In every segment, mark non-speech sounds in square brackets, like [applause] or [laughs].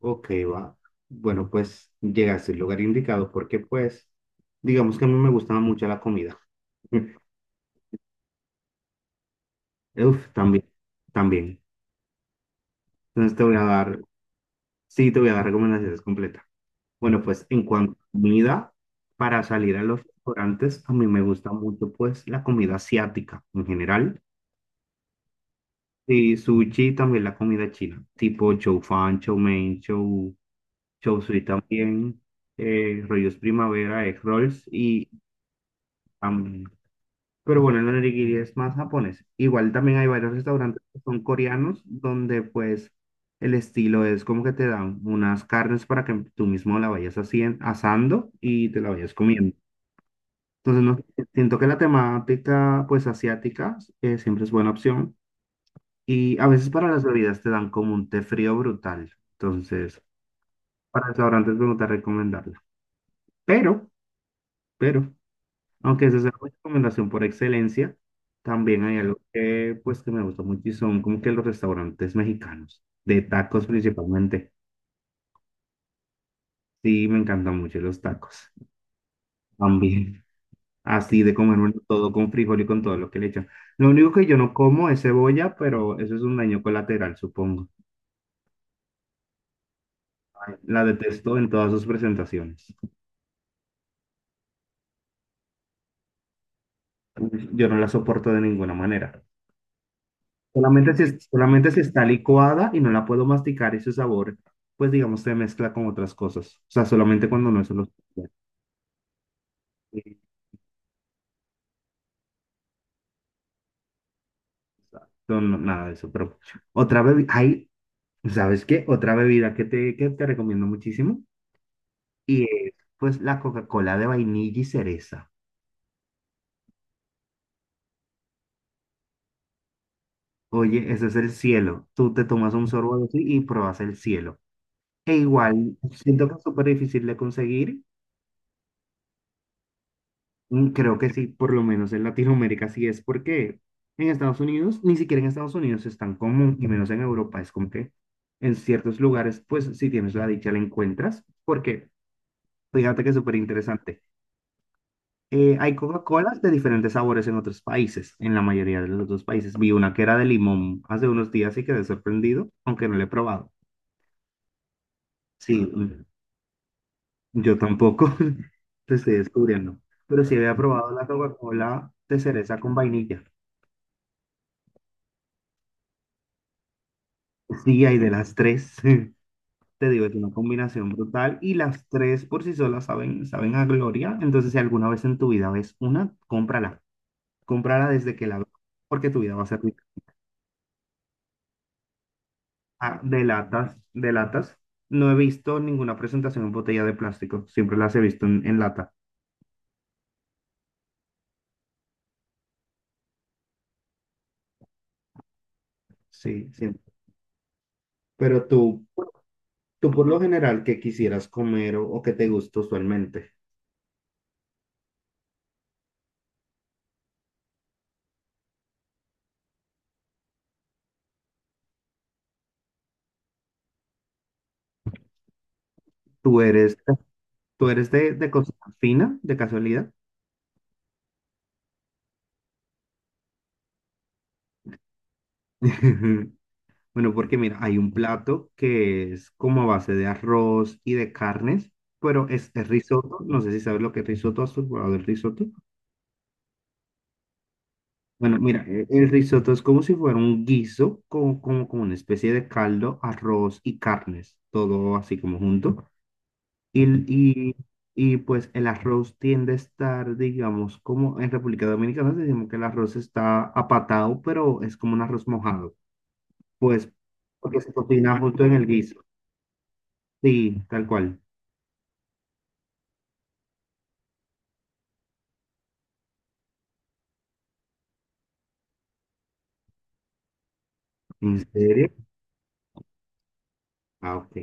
Ok, va. Bueno, pues llegaste al lugar indicado porque pues, digamos que a mí me gustaba mucho la comida. [laughs] Uf, también, también. Entonces te voy a dar, sí, te voy a dar recomendaciones completas. Bueno, pues en cuanto a comida, para salir a los restaurantes, a mí me gusta mucho pues la comida asiática en general. Y sushi y también la comida china, tipo chow fan, chow mein, chow, chow sui también, rollos primavera, egg rolls y... Pero bueno, el onigiri es más japonés. Igual también hay varios restaurantes que son coreanos, donde pues el estilo es como que te dan unas carnes para que tú mismo la vayas asando y te la vayas comiendo. Entonces, no, sé, siento que la temática pues asiática siempre es buena opción. Y a veces para las bebidas te dan como un té frío brutal. Entonces, para restaurantes me gusta recomendarla. Pero, pero... Aunque esa es la recomendación por excelencia, también hay algo que, pues, que me gusta mucho y son como que los restaurantes mexicanos, de tacos principalmente. Sí, me encantan mucho los tacos. También, así de comerme todo con frijol y con todo lo que le echan. Lo único que yo no como es cebolla, pero eso es un daño colateral, supongo. La detesto en todas sus presentaciones. Yo no la soporto de ninguna manera. Solamente si, solamente si está licuada y no la puedo masticar ese sabor, pues digamos, se mezcla con otras cosas. O sea, solamente cuando no es solo... eh, No, no, nada de eso, pero otra bebida, hay, ¿sabes qué? Otra bebida que te recomiendo muchísimo y es pues la Coca-Cola de vainilla y cereza. Oye, ese es el cielo. Tú te tomas un sorbo de eso y pruebas el cielo. E igual, siento que es súper difícil de conseguir. Mm, creo que sí, por lo menos en Latinoamérica sí es, porque en Estados Unidos, ni siquiera en Estados Unidos es tan común y menos en Europa, es como que en ciertos lugares, pues si tienes la dicha la encuentras, porque fíjate que es súper interesante. Hay Coca-Colas de diferentes sabores en otros países, en la mayoría de los otros países. Vi una que era de limón hace unos días y quedé sorprendido, aunque no la he probado. Sí, [laughs] yo tampoco, [laughs] te estoy descubriendo, pero sí había probado la Coca-Cola de cereza con vainilla. Sí, hay de las tres. [laughs] Te digo, es una combinación brutal y las tres por sí solas saben, saben a gloria. Entonces, si alguna vez en tu vida ves una, cómprala. Cómprala desde que la veas, porque tu vida va a ser rica. Ah, de latas, de latas. No he visto ninguna presentación en botella de plástico. Siempre las he visto en lata. Sí, siempre. Pero tú por lo general, ¿qué quisieras comer o qué te gusta usualmente? ¿Tú eres, tú eres de cocina fina, de casualidad? [laughs] Bueno, porque mira, hay un plato que es como a base de arroz y de carnes, pero es risotto. No sé si sabes lo que es risotto, ¿has probado el risotto? Bueno, mira, el risotto es como si fuera un guiso, como, como, como una especie de caldo, arroz y carnes, todo así como junto. Y, y, y pues el arroz tiende a estar, digamos, como en República Dominicana decimos que el arroz está apatado, pero es como un arroz mojado, pues porque se cocina justo en el guiso. Sí, tal cual. ¿En serio? Ah, ok.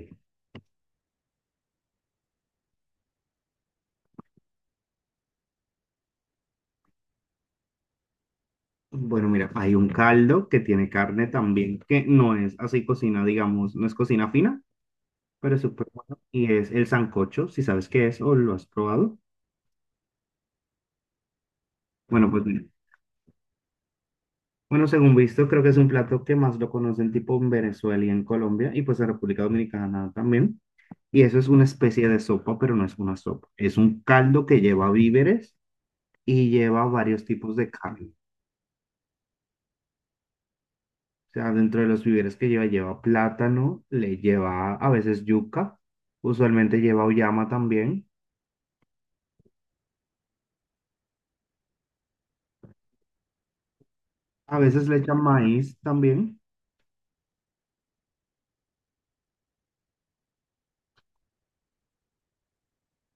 Bueno, mira, hay un caldo que tiene carne también, que no es así cocina, digamos, no es cocina fina, pero es súper bueno. Y es el sancocho, si sabes qué es o lo has probado. Bueno, pues mira. Bueno, según visto, creo que es un plato que más lo conocen tipo en Venezuela y en Colombia, y pues en República Dominicana también. Y eso es una especie de sopa, pero no es una sopa. Es un caldo que lleva víveres y lleva varios tipos de carne. O sea, dentro de los víveres que lleva, lleva plátano, le lleva a veces yuca, usualmente lleva uyama también, a veces le echan maíz también.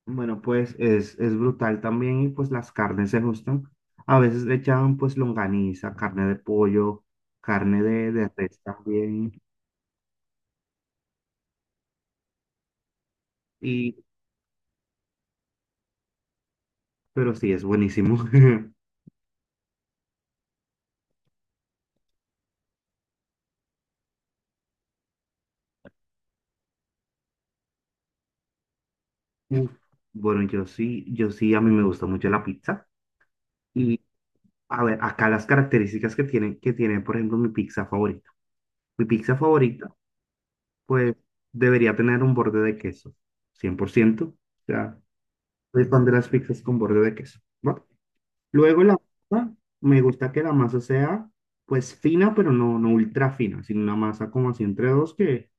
Bueno, pues es brutal también y pues las carnes se gustan. A veces le echan pues longaniza, carne de pollo, carne de res también. Y, pero sí, es buenísimo. [laughs] Uf, bueno, yo sí, a mí me gusta mucho la pizza. Y a ver, acá las características que tiene, por ejemplo, mi pizza favorita. Mi pizza favorita, pues debería tener un borde de queso, 100%. O sea, soy fan de las pizzas con borde de queso. ¿Va? Luego la masa, me gusta que la masa sea pues fina, pero no, no ultra fina, sino una masa como así entre dos que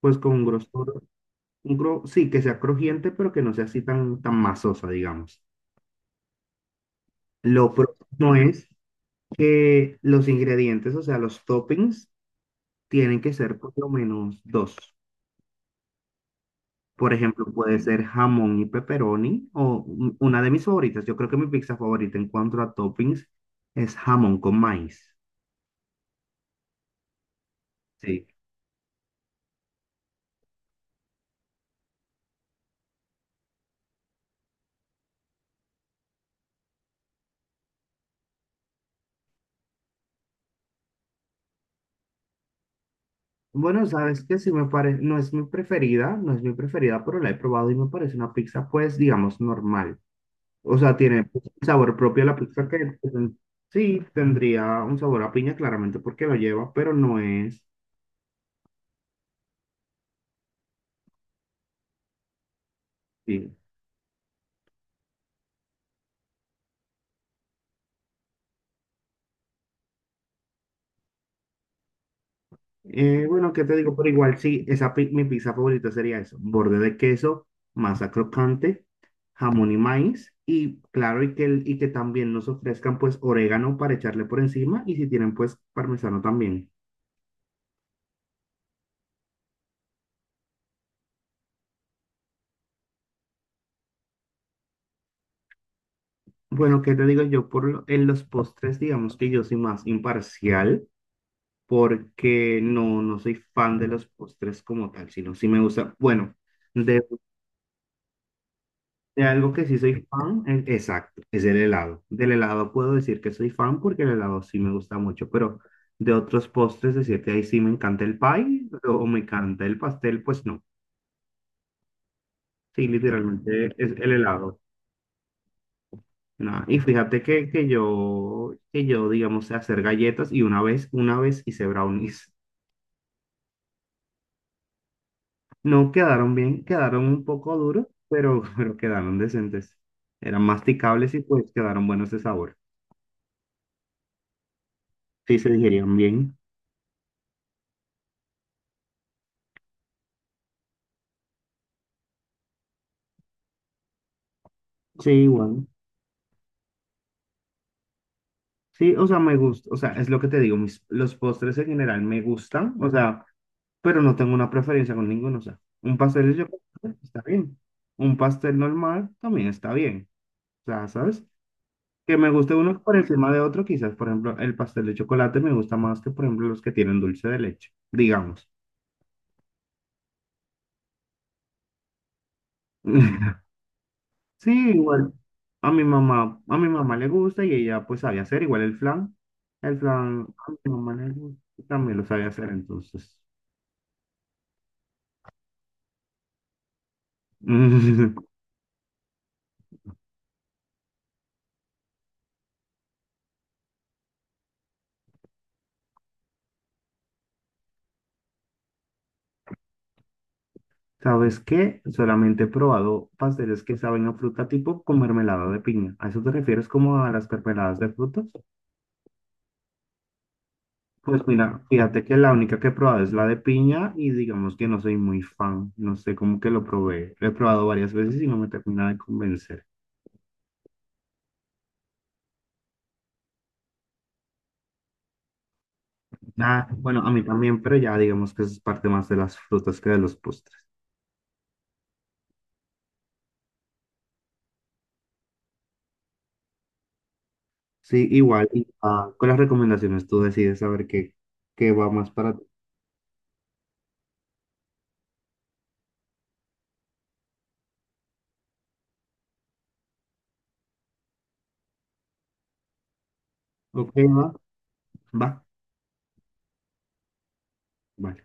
pues con un grosor, sí, que sea crujiente, pero que no sea así tan, tan masosa, digamos. Lo próximo es que los ingredientes, o sea, los toppings, tienen que ser por lo menos dos. Por ejemplo, puede ser jamón y pepperoni, o una de mis favoritas. Yo creo que mi pizza favorita en cuanto a toppings es jamón con maíz. Sí. Bueno, sabes que sí me parece, no es mi preferida, pero la he probado y me parece una pizza, pues, digamos, normal. O sea, tiene pues, un sabor propio a la pizza que sí tendría un sabor a piña, claramente, porque lo lleva, pero no es. Sí, eh, bueno, ¿qué te digo? Pero igual, sí, esa mi pizza favorita sería eso. Borde de queso, masa crocante, jamón y maíz. Y claro, y que, y que también nos ofrezcan pues orégano para echarle por encima. Y si tienen pues parmesano también. Bueno, ¿qué te digo yo? En los postres, digamos que yo soy más imparcial porque no, no soy fan de los postres como tal, sino sí me gusta. Bueno, de algo que sí soy fan, exacto, es del helado. Del helado puedo decir que soy fan porque el helado sí me gusta mucho, pero de otros postres decir que ahí sí me encanta el pie o me encanta el pastel, pues no. Sí, literalmente es el helado. Nah, y fíjate que, que yo, digamos, sé hacer galletas y una vez hice brownies. No quedaron bien, quedaron un poco duros, pero, [laughs] pero quedaron decentes. Eran masticables y pues quedaron buenos de sabor. Sí, se digerían bien. Sí, igual. Sí, o sea, me gusta, o sea, es lo que te digo, mis, los postres en general me gustan, o sea, pero no tengo una preferencia con ninguno, o sea, un pastel yo está bien, un pastel normal también está bien, o sea, ¿sabes? Que me guste uno por encima de otro, quizás, por ejemplo, el pastel de chocolate me gusta más que, por ejemplo, los que tienen dulce de leche, digamos. [laughs] Sí, igual, a mi mamá le gusta y ella pues sabe hacer, igual el flan, a mi mamá le gusta, también lo sabe hacer, entonces. [laughs] ¿Sabes qué? Solamente he probado pasteles que saben a fruta tipo con mermelada de piña. ¿A eso te refieres como a las mermeladas de frutas? Pues mira, fíjate que la única que he probado es la de piña y digamos que no soy muy fan. No sé cómo que lo probé. Lo he probado varias veces y no me termina de convencer. Ah, bueno, a mí también, pero ya digamos que es parte más de las frutas que de los postres. Sí, igual, y, ah, con las recomendaciones tú decides saber qué, qué va más para ti. Ok, va, va, va.